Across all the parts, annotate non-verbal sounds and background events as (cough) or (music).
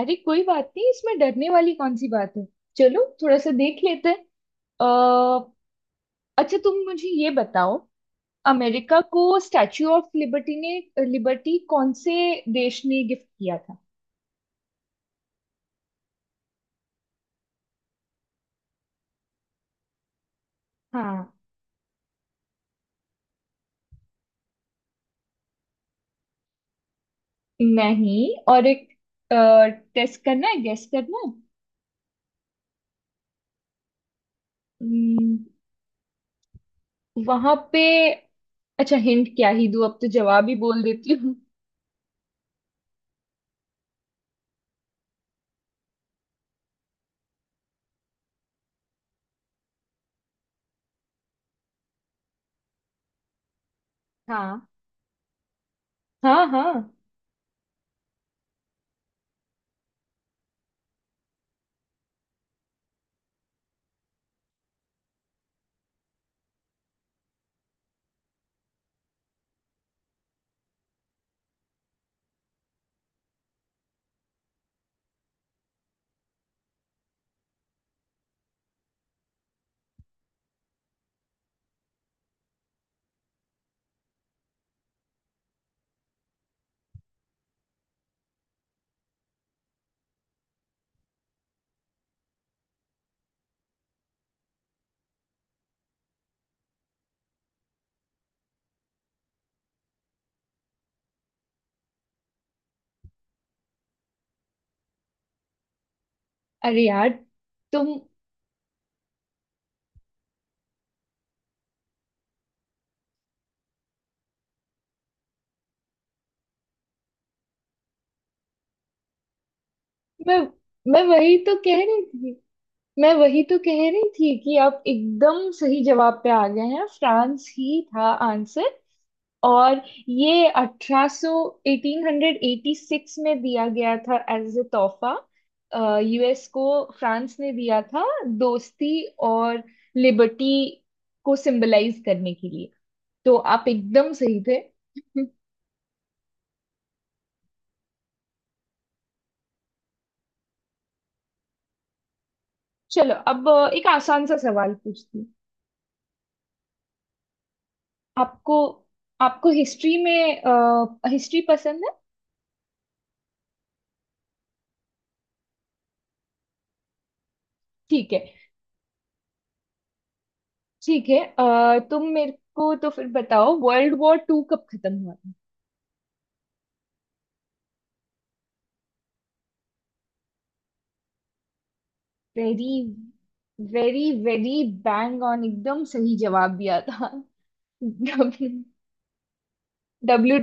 अरे, कोई बात नहीं, इसमें डरने वाली कौन सी बात है। चलो थोड़ा सा देख लेते हैं। अ, अच्छा, तुम मुझे ये बताओ, अमेरिका को स्टैच्यू ऑफ लिबर्टी ने लिबर्टी कौन से देश ने गिफ्ट किया था। हाँ। नहीं, और एक टेस्ट करना है, गेस करना है। हम्म, वहां पे अच्छा, हिंट क्या ही दूँ, अब तो जवाब ही बोल देती हूँ। हाँ, हाँ, हाँ। अरे यार, तुम, मैं मैं वही तो कह रही थी। मैं वही तो कह रही थी कि आप एकदम सही जवाब पे आ गए हैं, फ्रांस ही था आंसर। और ये 1886 में दिया गया था एज ए तोहफा यूएस को। फ्रांस ने दिया था, दोस्ती और लिबर्टी को सिंबलाइज करने के लिए। तो आप एकदम सही थे। (laughs) चलो, अब एक आसान सा सवाल पूछती हूँ। आपको आपको हिस्ट्री पसंद है? ठीक है, ठीक है। तुम मेरे को तो फिर बताओ, वर्ल्ड वॉर टू कब खत्म हुआ था। Very, very very bang on, एकदम सही जवाब दिया था। डब्ल्यू, डब्ल्यू,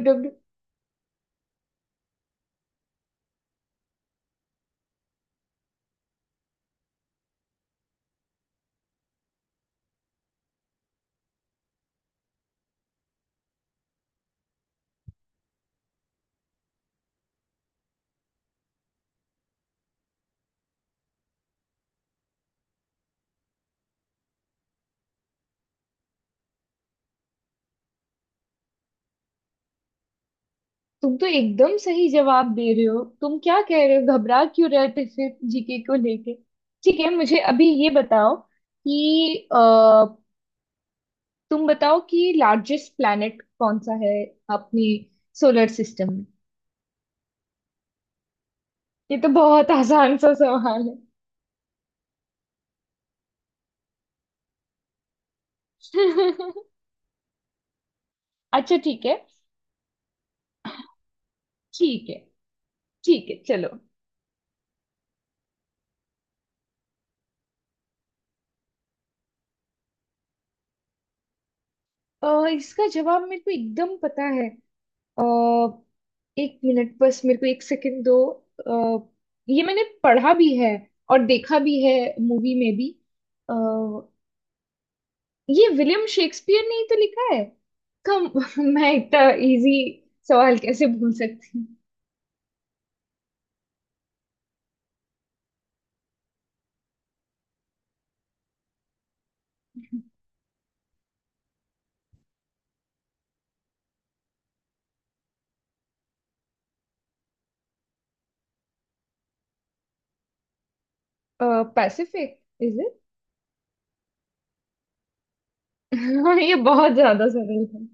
तुम तो एकदम सही जवाब दे रहे हो। तुम क्या कह रहे हो, घबरा क्यों रहे थे फिर जीके को लेके। ठीक है, मुझे अभी ये बताओ कि तुम बताओ कि लार्जेस्ट प्लैनेट कौन सा है अपनी सोलर सिस्टम में। ये तो बहुत आसान सा सवाल है। (laughs) अच्छा, ठीक है। ठीक है, ठीक है, चलो। इसका जवाब मेरे को एकदम पता है। अ, एक मिनट, बस मेरे को एक सेकंड दो। अ, ये मैंने पढ़ा भी है और देखा भी है, मूवी में भी। अ, ये विलियम शेक्सपियर ने ही तो लिखा है। कम, (laughs) मैं इतना इजी सवाल कैसे भूल सकती हूँ। Pacific, is it? (laughs) ये बहुत ज्यादा सरल है।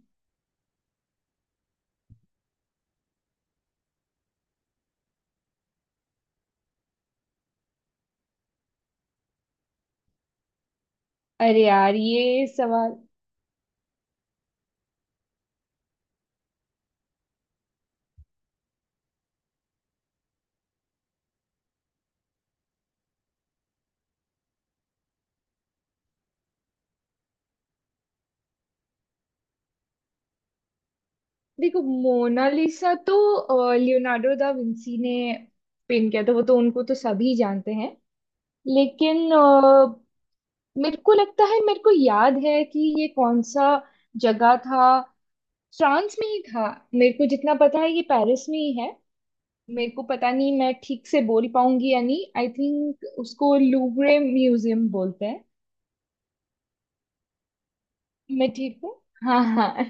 अरे यार, ये सवाल। देखो, मोनालिसा तो लियोनार्डो दा विंसी ने पेंट किया था, वो तो, उनको तो सभी जानते हैं। लेकिन मेरे को लगता है, मेरे को याद है कि ये कौन सा जगह था। फ्रांस में ही था। मेरे को जितना पता है ये पेरिस में ही है। मेरे को पता नहीं मैं ठीक से बोल पाऊंगी या नहीं, आई थिंक उसको लूवरे म्यूजियम बोलते हैं। मैं ठीक हूँ? हाँ, हाँ।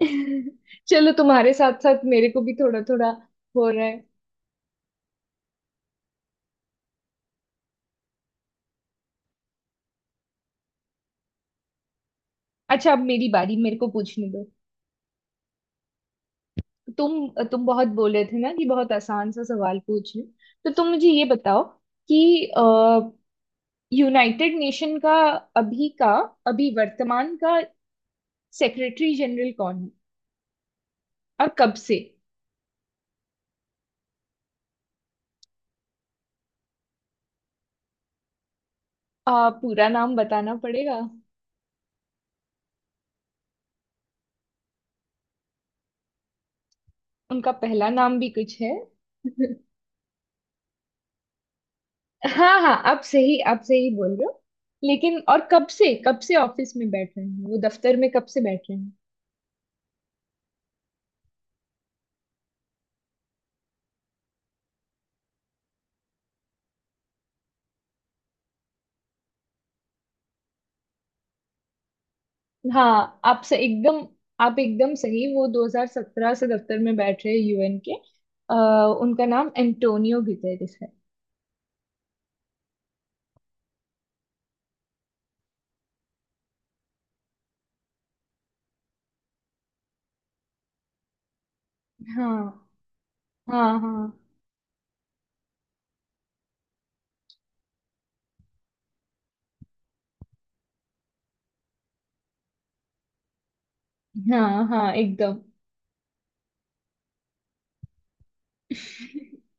(laughs) चलो, तुम्हारे साथ साथ मेरे को भी थोड़ा थोड़ा हो रहा है। अच्छा, अब मेरी बारी, मेरे को पूछने दो। तुम बहुत बोले थे ना कि बहुत आसान सा सवाल पूछ लूं। तो तुम मुझे ये बताओ कि यूनाइटेड नेशन का अभी का, अभी वर्तमान का सेक्रेटरी जनरल कौन है, और कब से। पूरा नाम बताना पड़ेगा। उनका पहला नाम भी कुछ है। (laughs) हाँ, हाँ, आप सही, आप सही बोल रहे हो। लेकिन और कब से, कब से ऑफिस में बैठ रहे हैं, वो दफ्तर में कब से बैठ रहे हैं। हाँ, आप से एकदम, आप एकदम सही, वो 2017 से दफ्तर में बैठ रहे यूएन के। उनका नाम एंटोनियो गुतेरेस है। हाँ, हाँ, हाँ, हाँ, हाँ, एकदम। (laughs)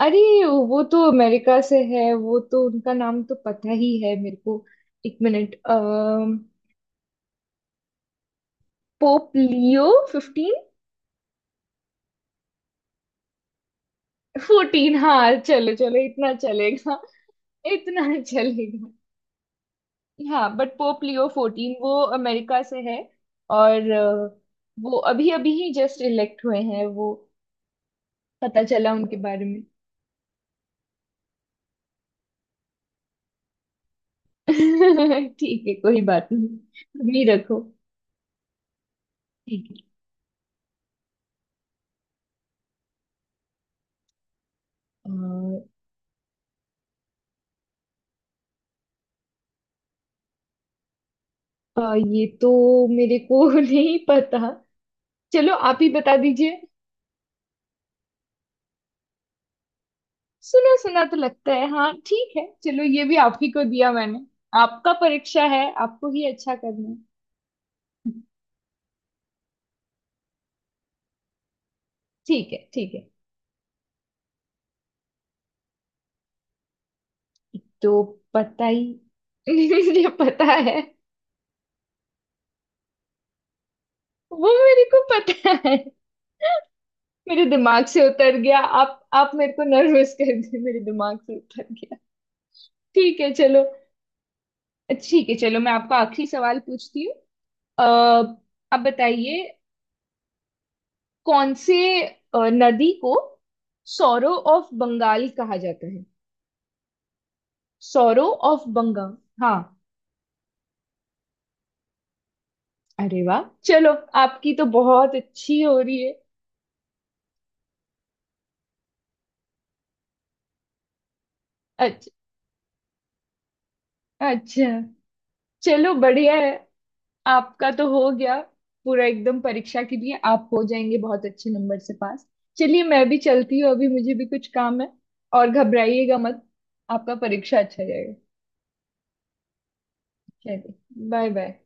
अरे, वो तो अमेरिका से है, वो तो उनका नाम तो पता ही है मेरे को। एक मिनट। अः पोप लियो फिफ्टीन। फोर्टीन, हाँ, चलो, चलो, इतना चलेगा। इतना चलेगा, हाँ। बट पोप लियो फोर्टीन वो अमेरिका से है, और वो अभी अभी ही जस्ट इलेक्ट हुए हैं, वो पता चला उनके बारे में। (laughs) ठीक है, कोई बात नहीं, तुम ही रखो। ठीक है। अ, ये तो मेरे को (laughs) नहीं पता। चलो आप ही बता दीजिए। सुना सुना तो लगता है, हाँ। ठीक है, चलो, ये भी आप ही को दिया मैंने। आपका परीक्षा है, आपको ही अच्छा करना है। ठीक है, ठीक है। तो पता ही, (laughs) मुझे पता है, वो मेरे को पता है। मेरे दिमाग से उतर गया, आप मेरे को नर्वस कर दिए, मेरे दिमाग से उतर गया। ठीक है, चलो। ठीक है, चलो, मैं आपको आखिरी सवाल पूछती हूँ। अः अब बताइए, कौन से अ, नदी को सौरो ऑफ बंगाल कहा जाता है। Sorrow of Bengal. हाँ। अरे वाह, चलो, आपकी तो बहुत अच्छी हो रही है। अच्छा, अच्छा, चलो, बढ़िया है। आपका तो हो गया पूरा एकदम। परीक्षा के लिए आप हो जाएंगे बहुत अच्छे नंबर से पास। चलिए, मैं भी चलती हूँ, अभी मुझे भी कुछ काम है। और घबराइएगा मत, आपका परीक्षा अच्छा जाएगा। चलिए, बाय बाय।